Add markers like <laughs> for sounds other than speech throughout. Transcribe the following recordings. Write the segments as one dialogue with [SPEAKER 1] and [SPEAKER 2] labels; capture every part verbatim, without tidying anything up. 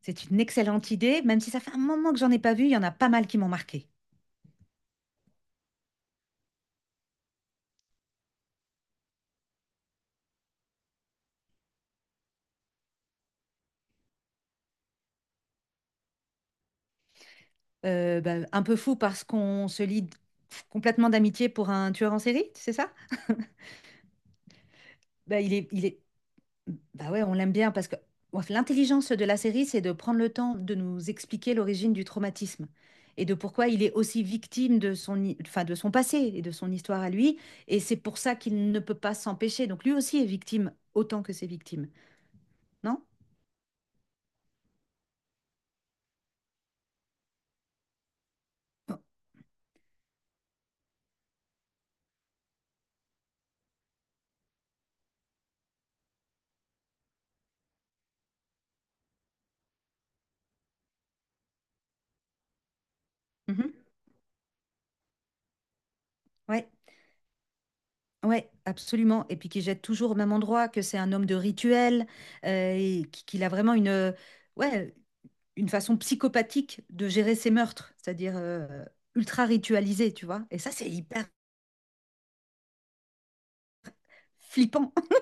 [SPEAKER 1] C'est une excellente idée, même si ça fait un moment que j'en ai pas vu, il y en a pas mal qui m'ont marqué. Euh, bah, un peu fou parce qu'on se lie complètement d'amitié pour un tueur en série, c'est ça? Bah, il est, il est Bah ouais, on l'aime bien parce que bon, l'intelligence de la série, c'est de prendre le temps de nous expliquer l'origine du traumatisme et de pourquoi il est aussi victime de son, hi- enfin, de son passé et de son histoire à lui. Et c'est pour ça qu'il ne peut pas s'empêcher. Donc lui aussi est victime autant que ses victimes, non? Bon. Mhm. Ouais. Ouais, absolument. Et puis qui jette toujours au même endroit, que c'est un homme de rituel, euh, et qu- qu'il a vraiment une, euh, ouais, une façon psychopathique de gérer ses meurtres, c'est-à-dire euh, ultra ritualisé, tu vois. Et ça, c'est hyper flippant. <laughs>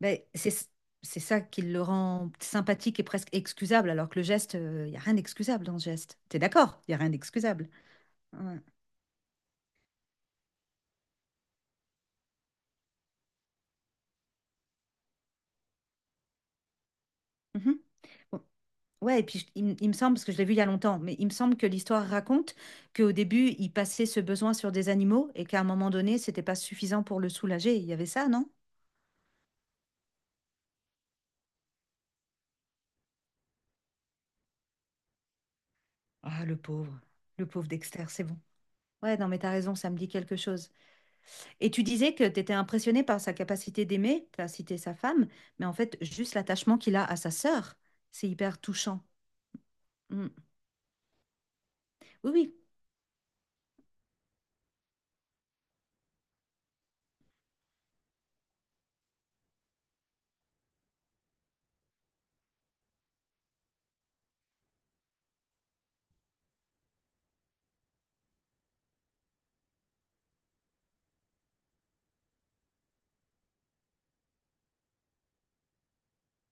[SPEAKER 1] Mais c'est c'est ça qui le rend sympathique et presque excusable, alors que le geste, il n'y a rien d'excusable dans ce geste. T'es d'accord? Il n'y a rien d'excusable. Ouais. Mhm. Bon. Ouais, et puis je- il, me il me semble, parce que je l'ai vu il y a longtemps, mais il me semble que l'histoire raconte qu'au début, il passait ce besoin sur des animaux et qu'à un moment donné, c'était pas suffisant pour le soulager. Il y avait ça, non? Ah, le pauvre, le pauvre Dexter, c'est bon. Ouais, non, mais t'as raison, ça me dit quelque chose. Et tu disais que t'étais impressionnée par sa capacité d'aimer, t'as cité sa femme, mais en fait, juste l'attachement qu'il a à sa sœur, c'est hyper touchant. Mm. Oui, oui,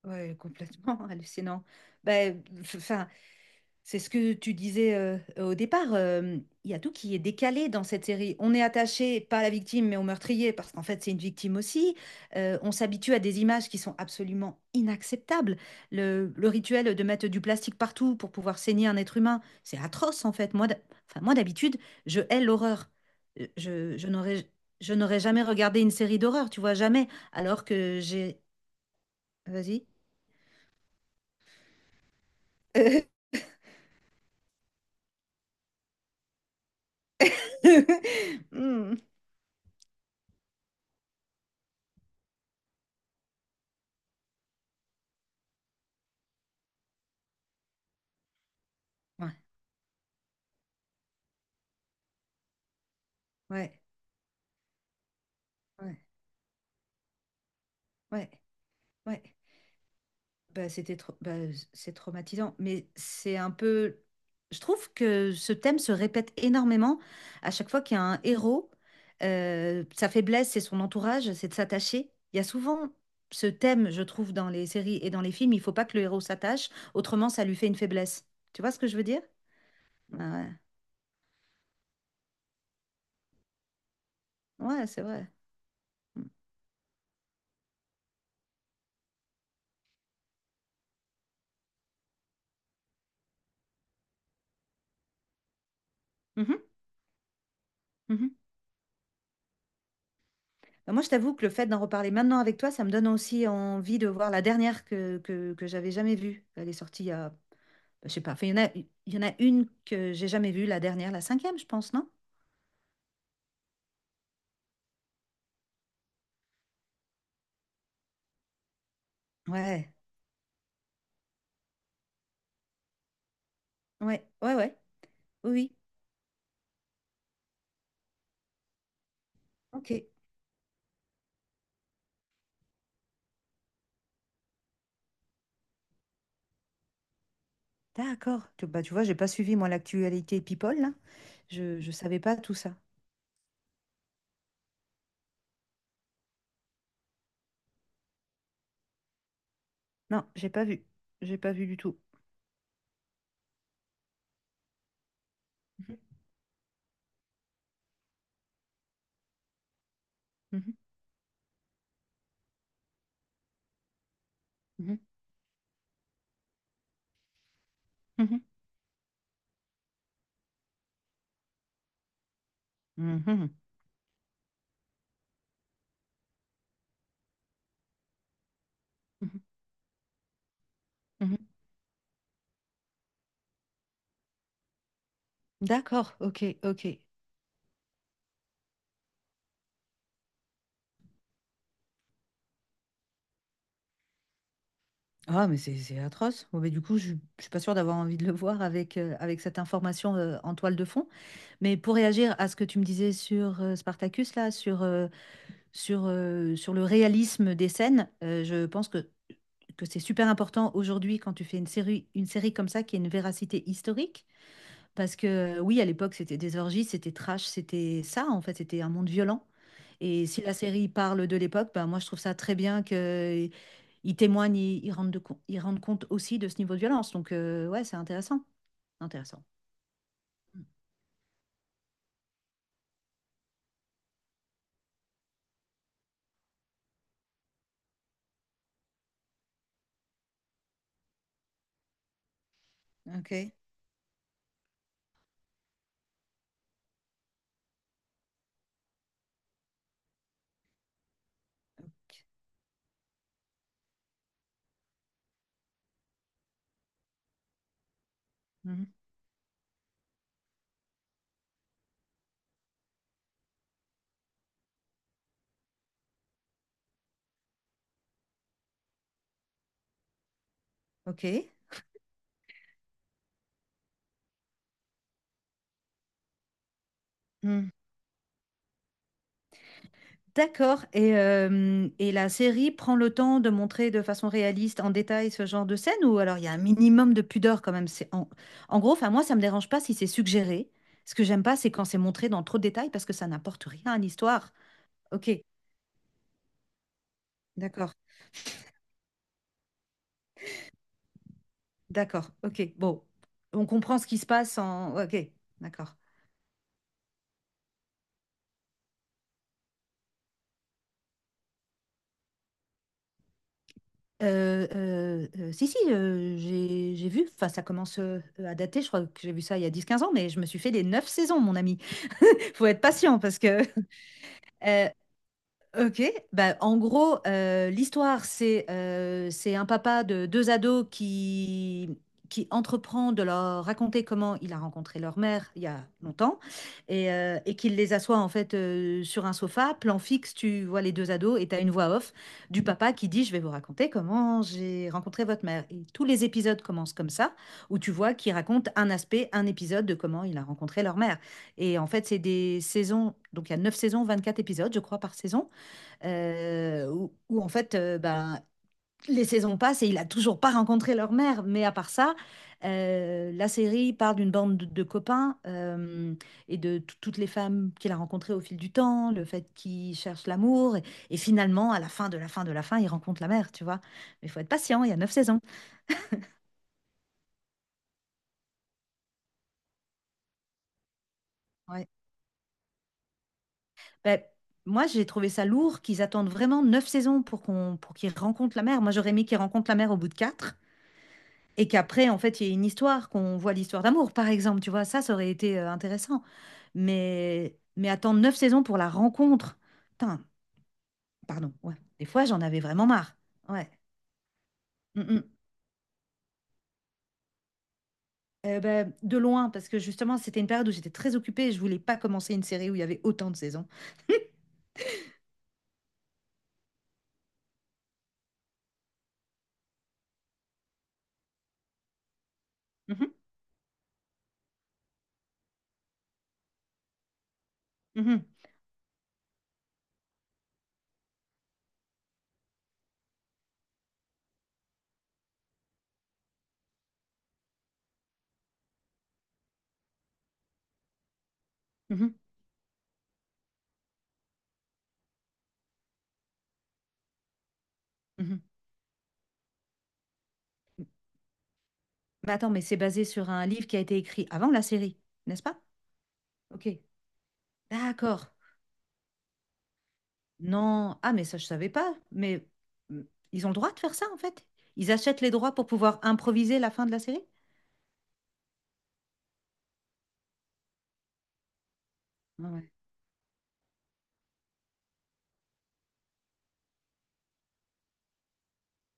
[SPEAKER 1] ouais, complètement <laughs> hallucinant. Ben, enfin. C'est ce que tu disais euh, au départ. euh, Il y a tout qui est décalé dans cette série. On est attaché, pas à la victime, mais au meurtrier, parce qu'en fait, c'est une victime aussi. Euh, on s'habitue à des images qui sont absolument inacceptables. Le, le rituel de mettre du plastique partout pour pouvoir saigner un être humain, c'est atroce, en fait. Moi, d'hab- enfin, moi d'habitude, je hais l'horreur. Euh, Je, je n'aurais, je n'aurais jamais regardé une série d'horreur, tu vois, jamais. Alors que j'ai. Vas-y. <laughs> Hmm. Ouais, ouais, ouais, ouais. Ouais. Bah, c'était tra- bah, c'est traumatisant, mais c'est un peu. Je trouve que ce thème se répète énormément à chaque fois qu'il y a un héros. euh, sa faiblesse, c'est son entourage, c'est de s'attacher. Il y a souvent ce thème, je trouve, dans les séries et dans les films, il faut pas que le héros s'attache, autrement ça lui fait une faiblesse. Tu vois ce que je veux dire? Ah, ouais, ouais, c'est vrai. Mhm, mhm. Bah, moi, je t'avoue que le fait d'en reparler maintenant avec toi, ça me donne aussi envie de voir la dernière que, que, que j'avais jamais vue. Elle est sortie il y a. Je sais pas. Enfin, il y en a, il y en a une que j'ai jamais vue, la dernière, la cinquième, je pense, non? Ouais, ouais, ouais, ouais. Oui, oui. Ok, d'accord. Tu, bah, tu vois, j'ai pas suivi, moi, l'actualité People, là. Je, je savais pas tout ça. Non, j'ai pas vu. J'ai pas vu du tout. Mhm, mhm, mhm, mhm, mhm, mhm, mhm. D'accord, ok, ok. Ah, mais c'est c'est atroce. Bon, mais du coup, je ne suis pas sûre d'avoir envie de le voir avec, euh, avec cette information euh, en toile de fond. Mais pour réagir à ce que tu me disais sur euh, Spartacus, là, sur euh, sur, euh, sur le réalisme des scènes. Euh, je pense que, que c'est super important aujourd'hui quand tu fais une série, une série comme ça qui a une véracité historique. Parce que euh, oui, à l'époque, c'était des orgies, c'était trash, c'était ça, en fait, c'était un monde violent. Et si la série parle de l'époque, ben, moi, je trouve ça très bien qu'ils témoignent, ils ils rendent, de com- ils rendent compte aussi de ce niveau de violence. Donc, euh, ouais, c'est intéressant. Intéressant. Mm. Ok. Mm-hmm. Ok. Hmm. D'accord. Et, euh, et la série prend le temps de montrer de façon réaliste, en détail, ce genre de scène ou alors il y a un minimum de pudeur quand même. C'est en. En gros, enfin moi, ça me dérange pas si c'est suggéré. Ce que j'aime pas, c'est quand c'est montré dans trop de détails parce que ça n'apporte rien à l'histoire. Ok. D'accord. D'accord. Ok. Bon, on comprend ce qui se passe en. Ok. D'accord. Euh, euh, euh, si, si, euh, j'ai j'ai vu, enfin ça commence euh, à dater, je crois que j'ai vu ça il y a dix quinze ans, mais je me suis fait les neuf saisons, mon ami. Faut être patient parce que euh, Ok, bah, en gros, euh, l'histoire, c'est euh, c'est un papa de deux ados qui, qui entreprend de leur raconter comment il a rencontré leur mère il y a longtemps et, euh, et qu'il les assoit en fait euh, sur un sofa, plan fixe, tu vois les deux ados et tu as une voix off du papa qui dit, je vais vous raconter comment j'ai rencontré votre mère. Et tous les épisodes commencent comme ça, où tu vois qu'il raconte un aspect, un épisode de comment il a rencontré leur mère. Et en fait, c'est des saisons, donc il y a neuf saisons, vingt-quatre épisodes, je crois, par saison euh, où, où, en fait, euh, ben, les saisons passent et il a toujours pas rencontré leur mère. Mais à part ça, euh, la série parle d'une bande de, de copains, euh, et de t- toutes les femmes qu'il a rencontrées au fil du temps, le fait qu'il cherche l'amour. Et, et finalement, à la fin de la fin de la fin, il rencontre la mère, tu vois. Mais il faut être patient, il y a neuf saisons. Ouais. Ben, moi, j'ai trouvé ça lourd qu'ils attendent vraiment neuf saisons pour qu'on, pour qu'ils rencontrent la mère. Moi, j'aurais aimé qu'ils rencontrent la mère au bout de quatre. Et qu'après, en fait, il y ait une histoire, qu'on voit l'histoire d'amour, par exemple, tu vois, ça, ça aurait été euh, intéressant. Mais, mais attendre neuf saisons pour la rencontre. Putain, pardon, ouais. Des fois, j'en avais vraiment marre. Ouais. Mm, mm. Euh, ben, de loin, parce que justement, c'était une période où j'étais très occupée et je voulais pas commencer une série où il y avait autant de saisons. Mhm, mhm, mhm, mhm. Mais attends, mais c'est basé sur un livre qui a été écrit avant la série, n'est-ce pas? Ok. D'accord. Non, ah mais ça je savais pas, mais mm, ils ont le droit de faire ça en fait. Ils achètent les droits pour pouvoir improviser la fin de la série. Ah, ouais.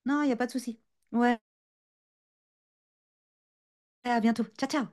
[SPEAKER 1] Non, il n'y a pas de souci. Ouais, à bientôt. Ciao, ciao.